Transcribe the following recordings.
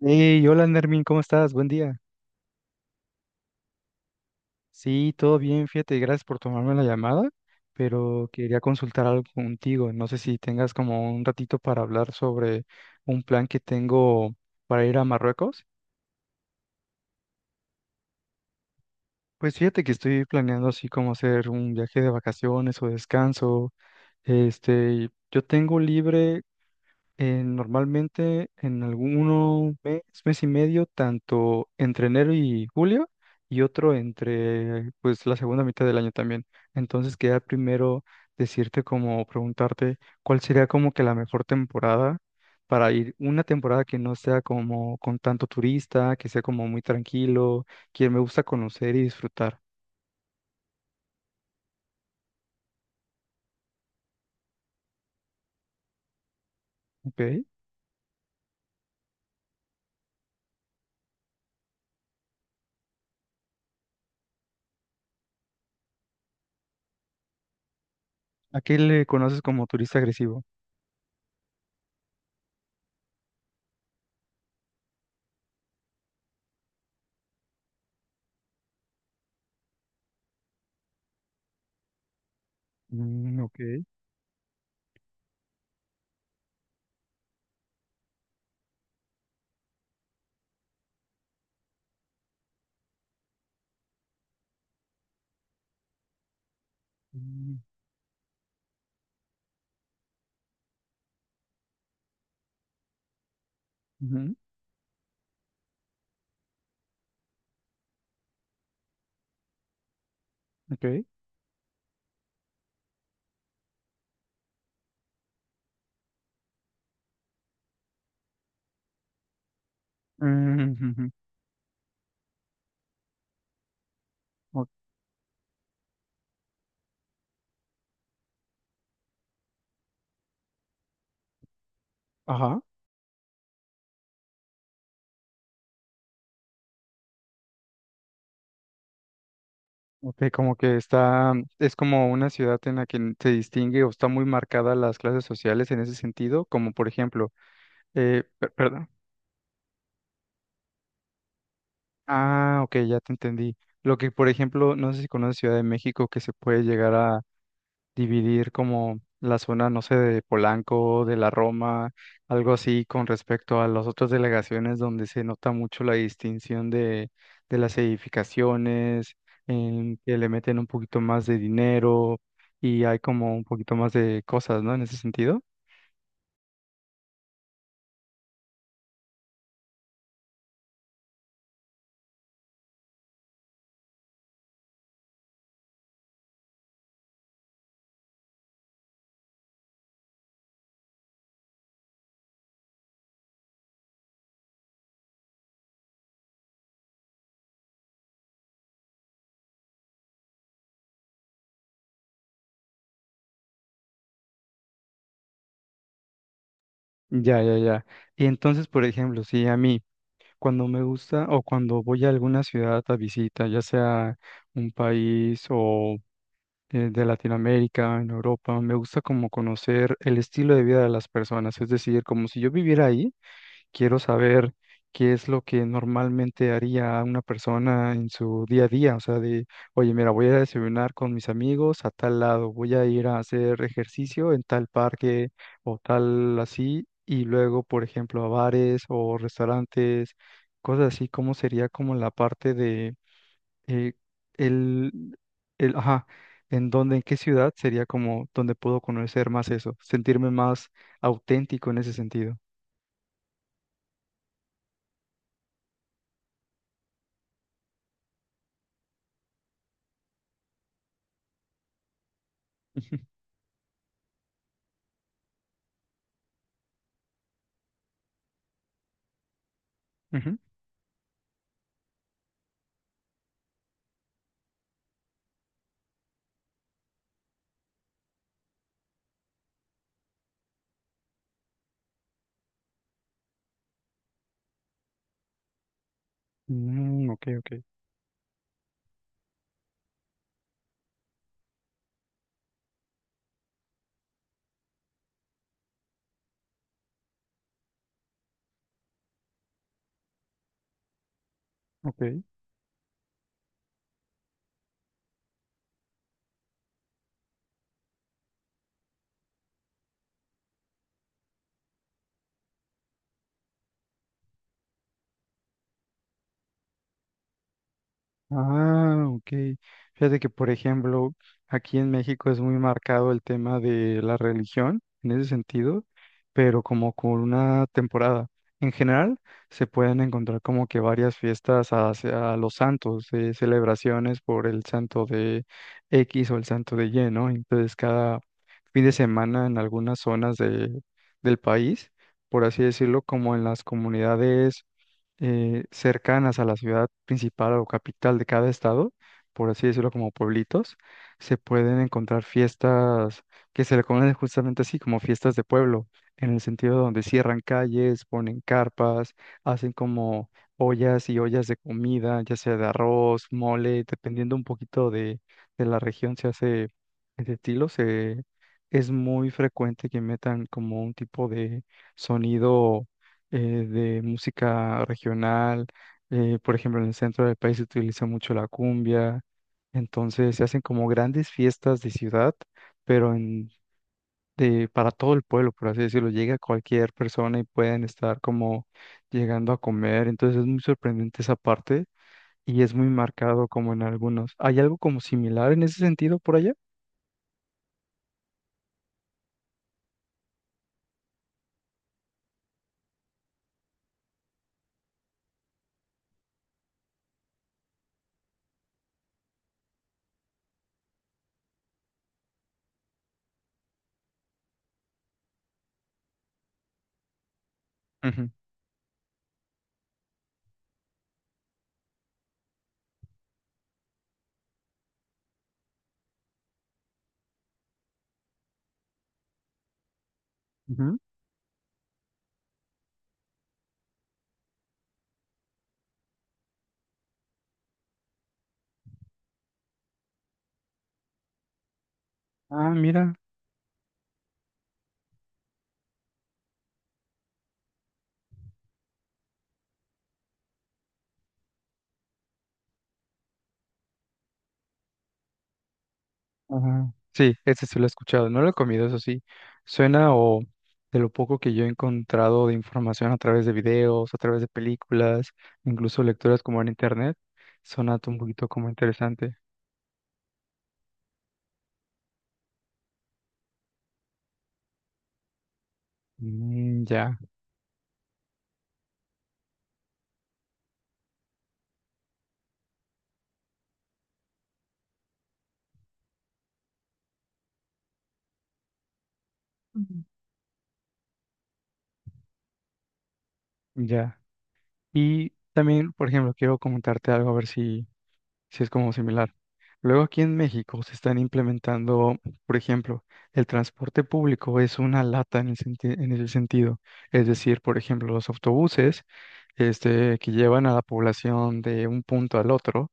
Hey, hola Nermin, ¿cómo estás? Buen día. Sí, todo bien, fíjate, gracias por tomarme la llamada, pero quería consultar algo contigo. No sé si tengas como un ratito para hablar sobre un plan que tengo para ir a Marruecos. Pues fíjate que estoy planeando así como hacer un viaje de vacaciones o descanso. Yo tengo libre. Normalmente en alguno mes, mes y medio, tanto entre enero y julio, y otro entre pues la segunda mitad del año también. Entonces quería primero decirte, como preguntarte, cuál sería como que la mejor temporada para ir, una temporada que no sea como con tanto turista, que sea como muy tranquilo, que me gusta conocer y disfrutar, ¿ok? ¿A qué le conoces como turista agresivo? Mm, ok. Mm, ujú, ok. Mm. Ujú, ajá. Ok, como que está, es como una ciudad en la que se distingue o está muy marcada las clases sociales en ese sentido, como por ejemplo, perdón. Ah, ok, ya te entendí. Lo que, por ejemplo, no sé si conoces Ciudad de México, que se puede llegar dividir como la zona, no sé, de Polanco, de la Roma, algo así con respecto a las otras delegaciones donde se nota mucho la distinción de, las edificaciones, en que le meten un poquito más de dinero y hay como un poquito más de cosas, ¿no? En ese sentido. Ya, ya, ya. Y entonces, por ejemplo, si a mí cuando me gusta o cuando voy a alguna ciudad a visita, ya sea un país o de Latinoamérica, en Europa. Me gusta como conocer el estilo de vida de las personas, es decir, como si yo viviera ahí, quiero saber qué es lo que normalmente haría una persona en su día a día, o sea, de, oye, mira, voy a desayunar con mis amigos a tal lado, voy a ir a hacer ejercicio en tal parque o tal así, y luego, por ejemplo, a bares o restaurantes, cosas así. ¿Cómo sería como la parte de eh, el, el, ajá, en dónde, en qué ciudad sería como donde puedo conocer más eso, sentirme más auténtico en ese sentido? Ujú. Ujú. Mm, ok, ok, ok. Ah, ok. Fíjate que, por ejemplo, aquí en México es muy marcado el tema de la religión en ese sentido, pero como con una temporada. En general, se pueden encontrar como que varias fiestas hacia los santos, celebraciones por el santo de X o el santo de Y, ¿no? Entonces, cada fin de semana en algunas zonas del país, por así decirlo, como en las comunidades cercanas a la ciudad principal o capital de cada estado, por así decirlo, como pueblitos, se pueden encontrar fiestas que se le conocen justamente así, como fiestas de pueblo, en el sentido donde cierran calles, ponen carpas, hacen como ollas y ollas de comida, ya sea de arroz, mole, dependiendo un poquito de la región. Se hace ese estilo. Es muy frecuente que metan como un tipo de sonido, eh, de música regional. Por ejemplo, en el centro del país se utiliza mucho la cumbia. Entonces se hacen como grandes fiestas de ciudad, pero para todo el pueblo, por así decirlo. Llega cualquier persona y pueden estar como llegando a comer. Entonces es muy sorprendente esa parte y es muy marcado como en algunos. ¿Hay algo como similar en ese sentido por allá? Ujú. Ujú. Ah, mira. Ajá. Sí, ese sí lo he escuchado. No lo he comido, eso sí. Suena o De lo poco que yo he encontrado de información a través de videos, a través de películas, incluso lecturas como en internet, suena un poquito como interesante. Mm, ya. Ujú. Ya. Y también, por ejemplo, quiero comentarte algo a ver si. Sí, es como similar. Luego aquí en México se están implementando, por ejemplo, el transporte público es una lata en el en ese sentido. Es decir, por ejemplo, los autobuses, que llevan a la población de un punto al otro.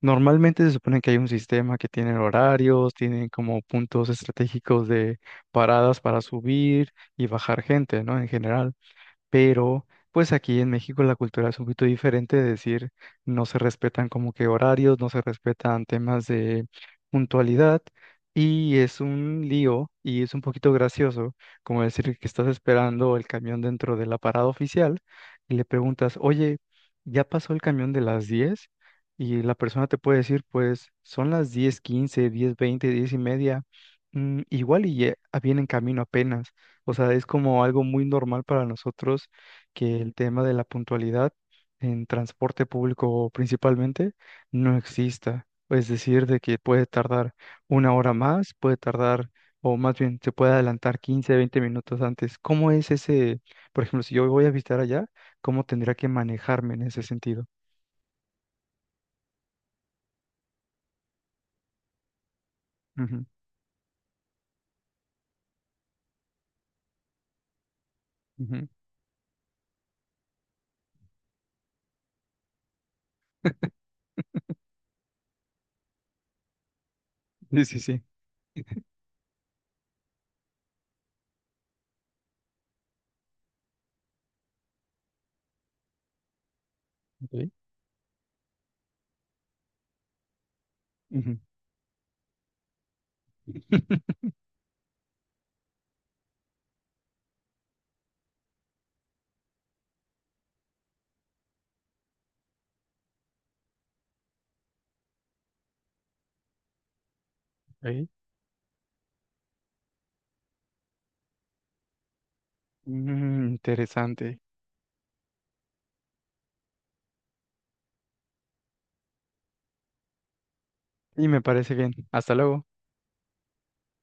Normalmente se supone que hay un sistema que tiene horarios, tienen como puntos estratégicos de paradas para subir y bajar gente, ¿no? En general, pero pues aquí en México la cultura es un poquito diferente, es decir, no se respetan como que horarios, no se respetan temas de puntualidad y es un lío y es un poquito gracioso, como decir que estás esperando el camión dentro de la parada oficial y le preguntas, oye, ¿ya pasó el camión de las 10? Y la persona te puede decir, pues son las 10:15, 10:20, 10:30, igual y ya viene en camino apenas. O sea, es como algo muy normal para nosotros que el tema de la puntualidad en transporte público principalmente no exista. Es decir, de que puede tardar una hora más, puede tardar, o más bien se puede adelantar 15, 20 minutos antes. ¿Cómo es ese, por ejemplo, si yo voy a visitar allá, cómo tendría que manejarme en ese sentido? Ujú, ujú. Sí, sí, sí. Ok. Ujú. Ok. Mm, interesante. Y me parece bien. Hasta luego.